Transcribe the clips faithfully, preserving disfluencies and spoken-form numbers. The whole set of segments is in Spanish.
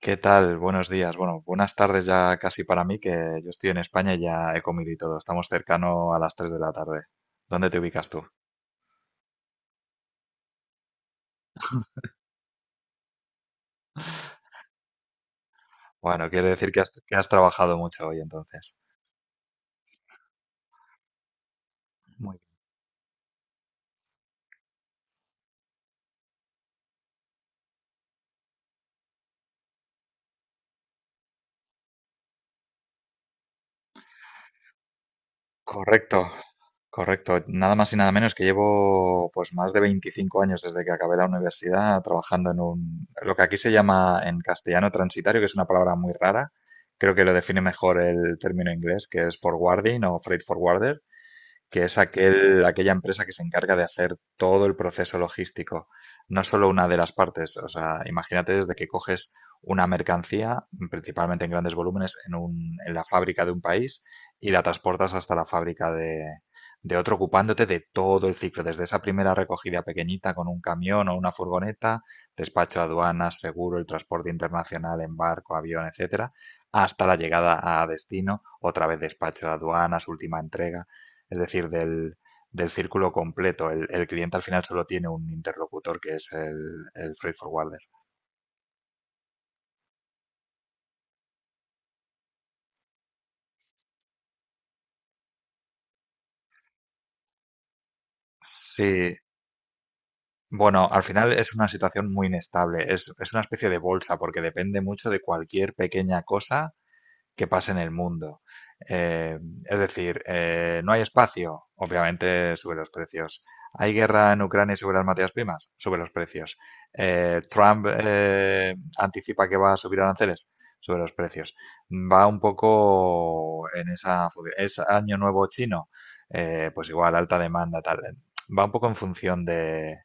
¿Qué tal? Buenos días. Bueno, buenas tardes ya casi para mí, que yo estoy en España y ya he comido y todo. Estamos cercano a las tres de la tarde. ¿Dónde te ubicas tú? Bueno, quiere decir que has, que has trabajado mucho hoy entonces. Muy bien. Correcto, correcto. Nada más y nada menos que llevo pues más de veinticinco años desde que acabé la universidad trabajando en un, lo que aquí se llama en castellano transitario, que es una palabra muy rara. Creo que lo define mejor el término inglés, que es forwarding o freight forwarder, que es aquel, aquella empresa que se encarga de hacer todo el proceso logístico, no solo una de las partes. O sea, imagínate desde que coges una mercancía, principalmente en grandes volúmenes, en un- en la fábrica de un país y la transportas hasta la fábrica de, de otro, ocupándote de todo el ciclo, desde esa primera recogida pequeñita con un camión o una furgoneta, despacho aduanas, seguro, el transporte internacional en barco, avión, etcétera, hasta la llegada a destino, otra vez despacho aduanas, última entrega, es decir, del, del círculo completo. El, el, cliente al final solo tiene un interlocutor que es el, el freight forwarder. Sí, bueno, al final es una situación muy inestable. Es, es, una especie de bolsa porque depende mucho de cualquier pequeña cosa que pasa en el mundo. Eh, es decir, eh, no hay espacio, obviamente sube los precios. ¿Hay guerra en Ucrania y sube las materias primas? Sube los precios. Eh, ¿Trump eh, anticipa que va a subir aranceles? Sube los precios. Va un poco en esa. ¿Es año nuevo chino? Eh, pues igual, alta demanda, tal. Va un poco en función de,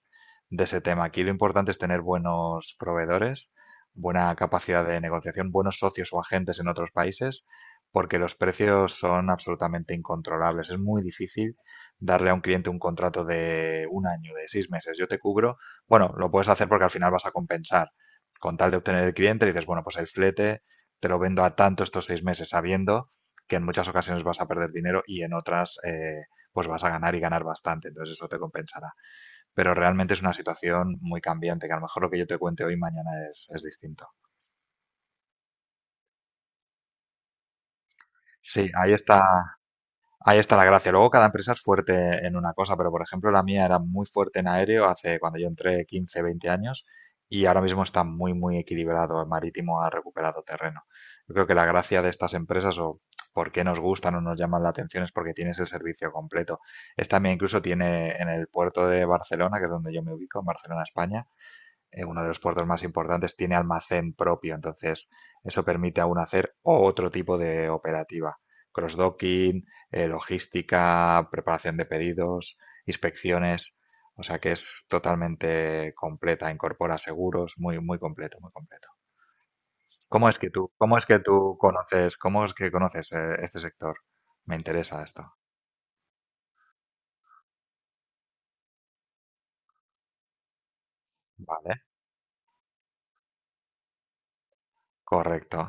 de ese tema. Aquí lo importante es tener buenos proveedores, buena capacidad de negociación, buenos socios o agentes en otros países, porque los precios son absolutamente incontrolables. Es muy difícil darle a un cliente un contrato de un año, de seis meses. Yo te cubro, bueno, lo puedes hacer porque al final vas a compensar. Con tal de obtener el cliente, le dices, bueno, pues el flete te lo vendo a tanto estos seis meses, sabiendo que en muchas ocasiones vas a perder dinero y en otras, eh, pues vas a ganar y ganar bastante, entonces eso te compensará. Pero realmente es una situación muy cambiante, que a lo mejor lo que yo te cuente hoy mañana es, es distinto. Sí, ahí está, ahí está la gracia. Luego cada empresa es fuerte en una cosa, pero por ejemplo la mía era muy fuerte en aéreo hace cuando yo entré quince veinte años y ahora mismo está muy, muy equilibrado. El marítimo ha recuperado terreno. Yo creo que la gracia de estas empresas, o por qué nos gustan o nos llaman la atención, es porque tienes el servicio completo. Esta mía incluso tiene en el puerto de Barcelona, que es donde yo me ubico, en Barcelona, España, eh, uno de los puertos más importantes, tiene almacén propio. Entonces, eso permite aún hacer otro tipo de operativa. Cross-docking, eh, logística, preparación de pedidos, inspecciones. O sea que es totalmente completa, incorpora seguros, muy, muy completo, muy completo. ¿Cómo es que tú, cómo es que tú conoces, cómo es que conoces eh, este sector? Me interesa esto. Vale, correcto.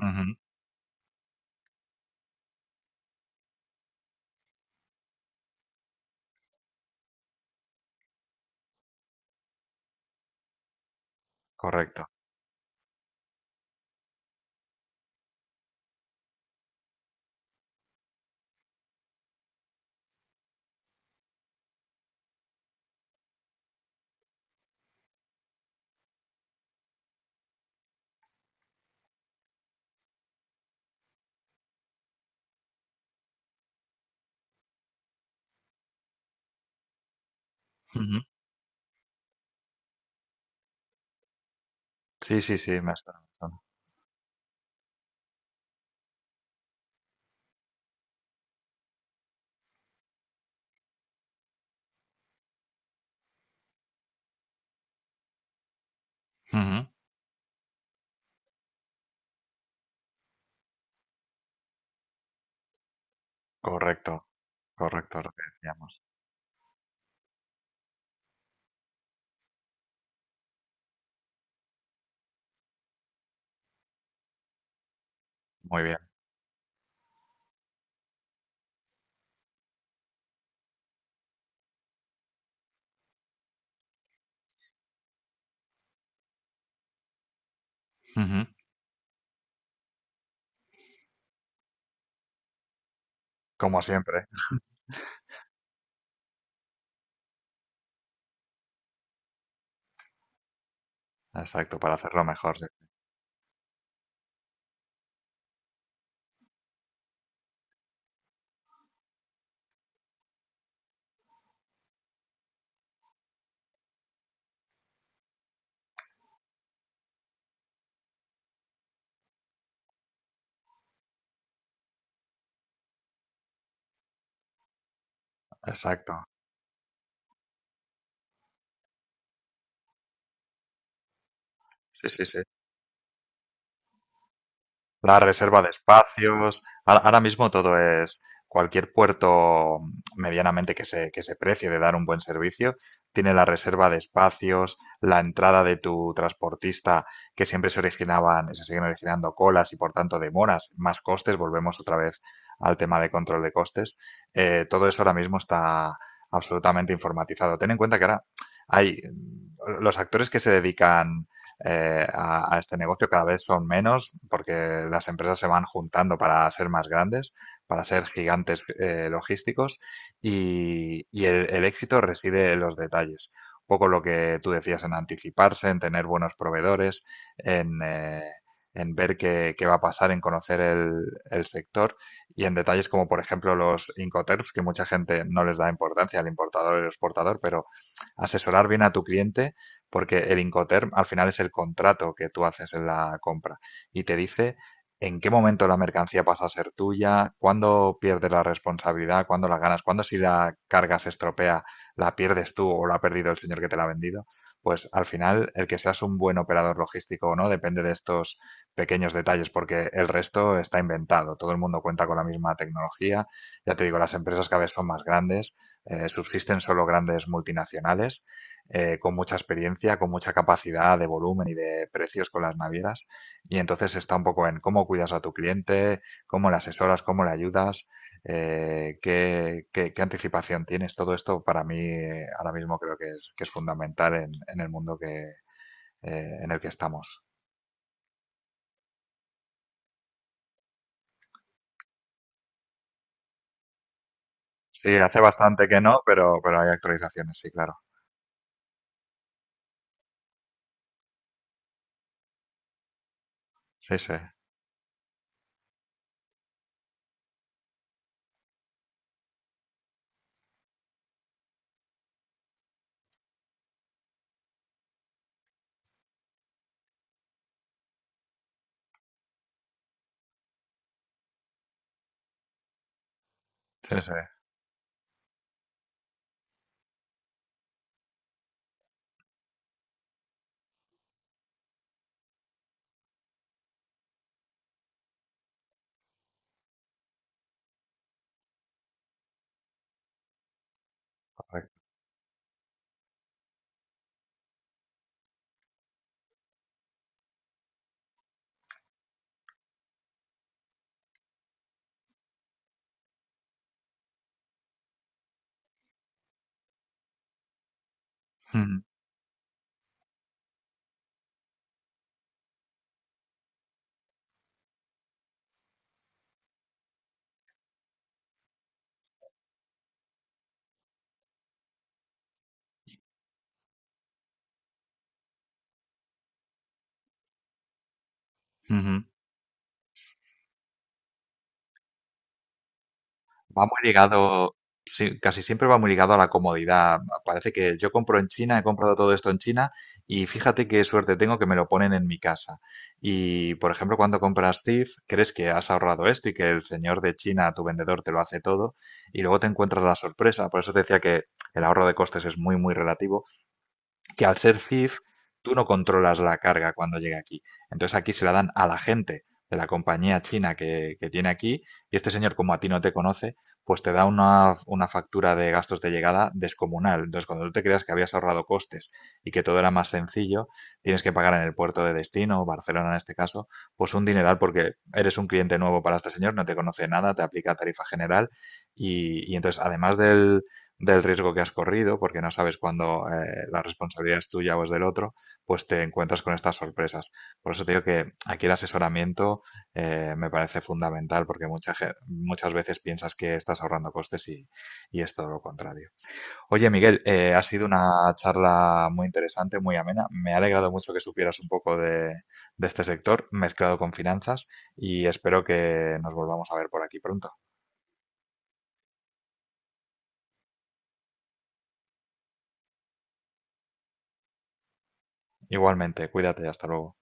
Ujú, correcto. Ujú. Sí, sí, sí, me has dado razón. Ujú, correcto. Correcto, lo que decíamos. Muy bien. Ujú. Como siempre. Exacto, para hacerlo mejor, sí. Exacto. Sí, sí, sí. La reserva de espacios. Ahora ahora mismo todo es cualquier puerto medianamente que se, que se precie de dar un buen servicio, tiene la reserva de espacios, la entrada de tu transportista, que siempre se originaban, se siguen originando colas y por tanto demoras, más costes, volvemos otra vez al tema de control de costes. Eh, todo eso ahora mismo está absolutamente informatizado. Ten en cuenta que ahora hay, mm, los actores que se dedican, eh, a, a, este negocio cada vez son menos porque las empresas se van juntando para ser más grandes, para ser gigantes eh, logísticos, y, y el, el, éxito reside en los detalles. Un poco lo que tú decías, en anticiparse, en tener buenos proveedores, en... Eh, en ver qué, qué, va a pasar, en conocer el, el, sector, y en detalles como, por ejemplo, los Incoterms, que mucha gente no les da importancia, al importador y al exportador, pero asesorar bien a tu cliente, porque el Incoterm al final es el contrato que tú haces en la compra y te dice en qué momento la mercancía pasa a ser tuya, cuándo pierdes la responsabilidad, cuándo la ganas, cuándo, si la carga se estropea, la pierdes tú o la ha perdido el señor que te la ha vendido. Pues al final, el que seas un buen operador logístico o no depende de estos pequeños detalles, porque el resto está inventado. Todo el mundo cuenta con la misma tecnología. Ya te digo, las empresas cada vez son más grandes. eh, subsisten solo grandes multinacionales eh, con mucha experiencia, con mucha capacidad de volumen y de precios con las navieras. Y entonces está un poco en cómo cuidas a tu cliente, cómo le asesoras, cómo le ayudas, eh, qué, qué- qué anticipación tienes. Todo esto para mí, eh, ahora mismo, creo que es, que es fundamental en, en el mundo que, eh, en el que estamos. Sí, hace bastante que no, pero, pero hay actualizaciones, sí, claro. Sí, sí, sí, sí, correcto. Ujú, ujú. Va muy ligado, sí, casi siempre va muy ligado a la comodidad. Parece que yo compro en China, he comprado todo esto en China y fíjate qué suerte tengo que me lo ponen en mi casa. Y, por ejemplo, cuando compras TIFF, crees que has ahorrado esto y que el señor de China, tu vendedor, te lo hace todo y luego te encuentras la sorpresa. Por eso te decía que el ahorro de costes es muy, muy relativo, que al ser CIF tú no controlas la carga cuando llega aquí. Entonces aquí se la dan a la gente de la compañía china que, que tiene aquí, y este señor, como a ti no te conoce, pues te da una, una factura de gastos de llegada descomunal. Entonces, cuando tú te creas que habías ahorrado costes y que todo era más sencillo, tienes que pagar en el puerto de destino, Barcelona en este caso, pues un dineral, porque eres un cliente nuevo para este señor, no te conoce nada, te aplica tarifa general, y, y entonces, además del, del riesgo que has corrido, porque no sabes cuándo, eh, la responsabilidad es tuya o es del otro, pues te encuentras con estas sorpresas. Por eso te digo que aquí el asesoramiento, eh, me parece fundamental, porque mucha ge- muchas veces piensas que estás ahorrando costes, y, y es todo lo contrario. Oye, Miguel, eh, ha sido una charla muy interesante, muy amena. Me ha alegrado mucho que supieras un poco de, de este sector, mezclado con finanzas, y espero que nos volvamos a ver por aquí pronto. Igualmente, cuídate, hasta luego.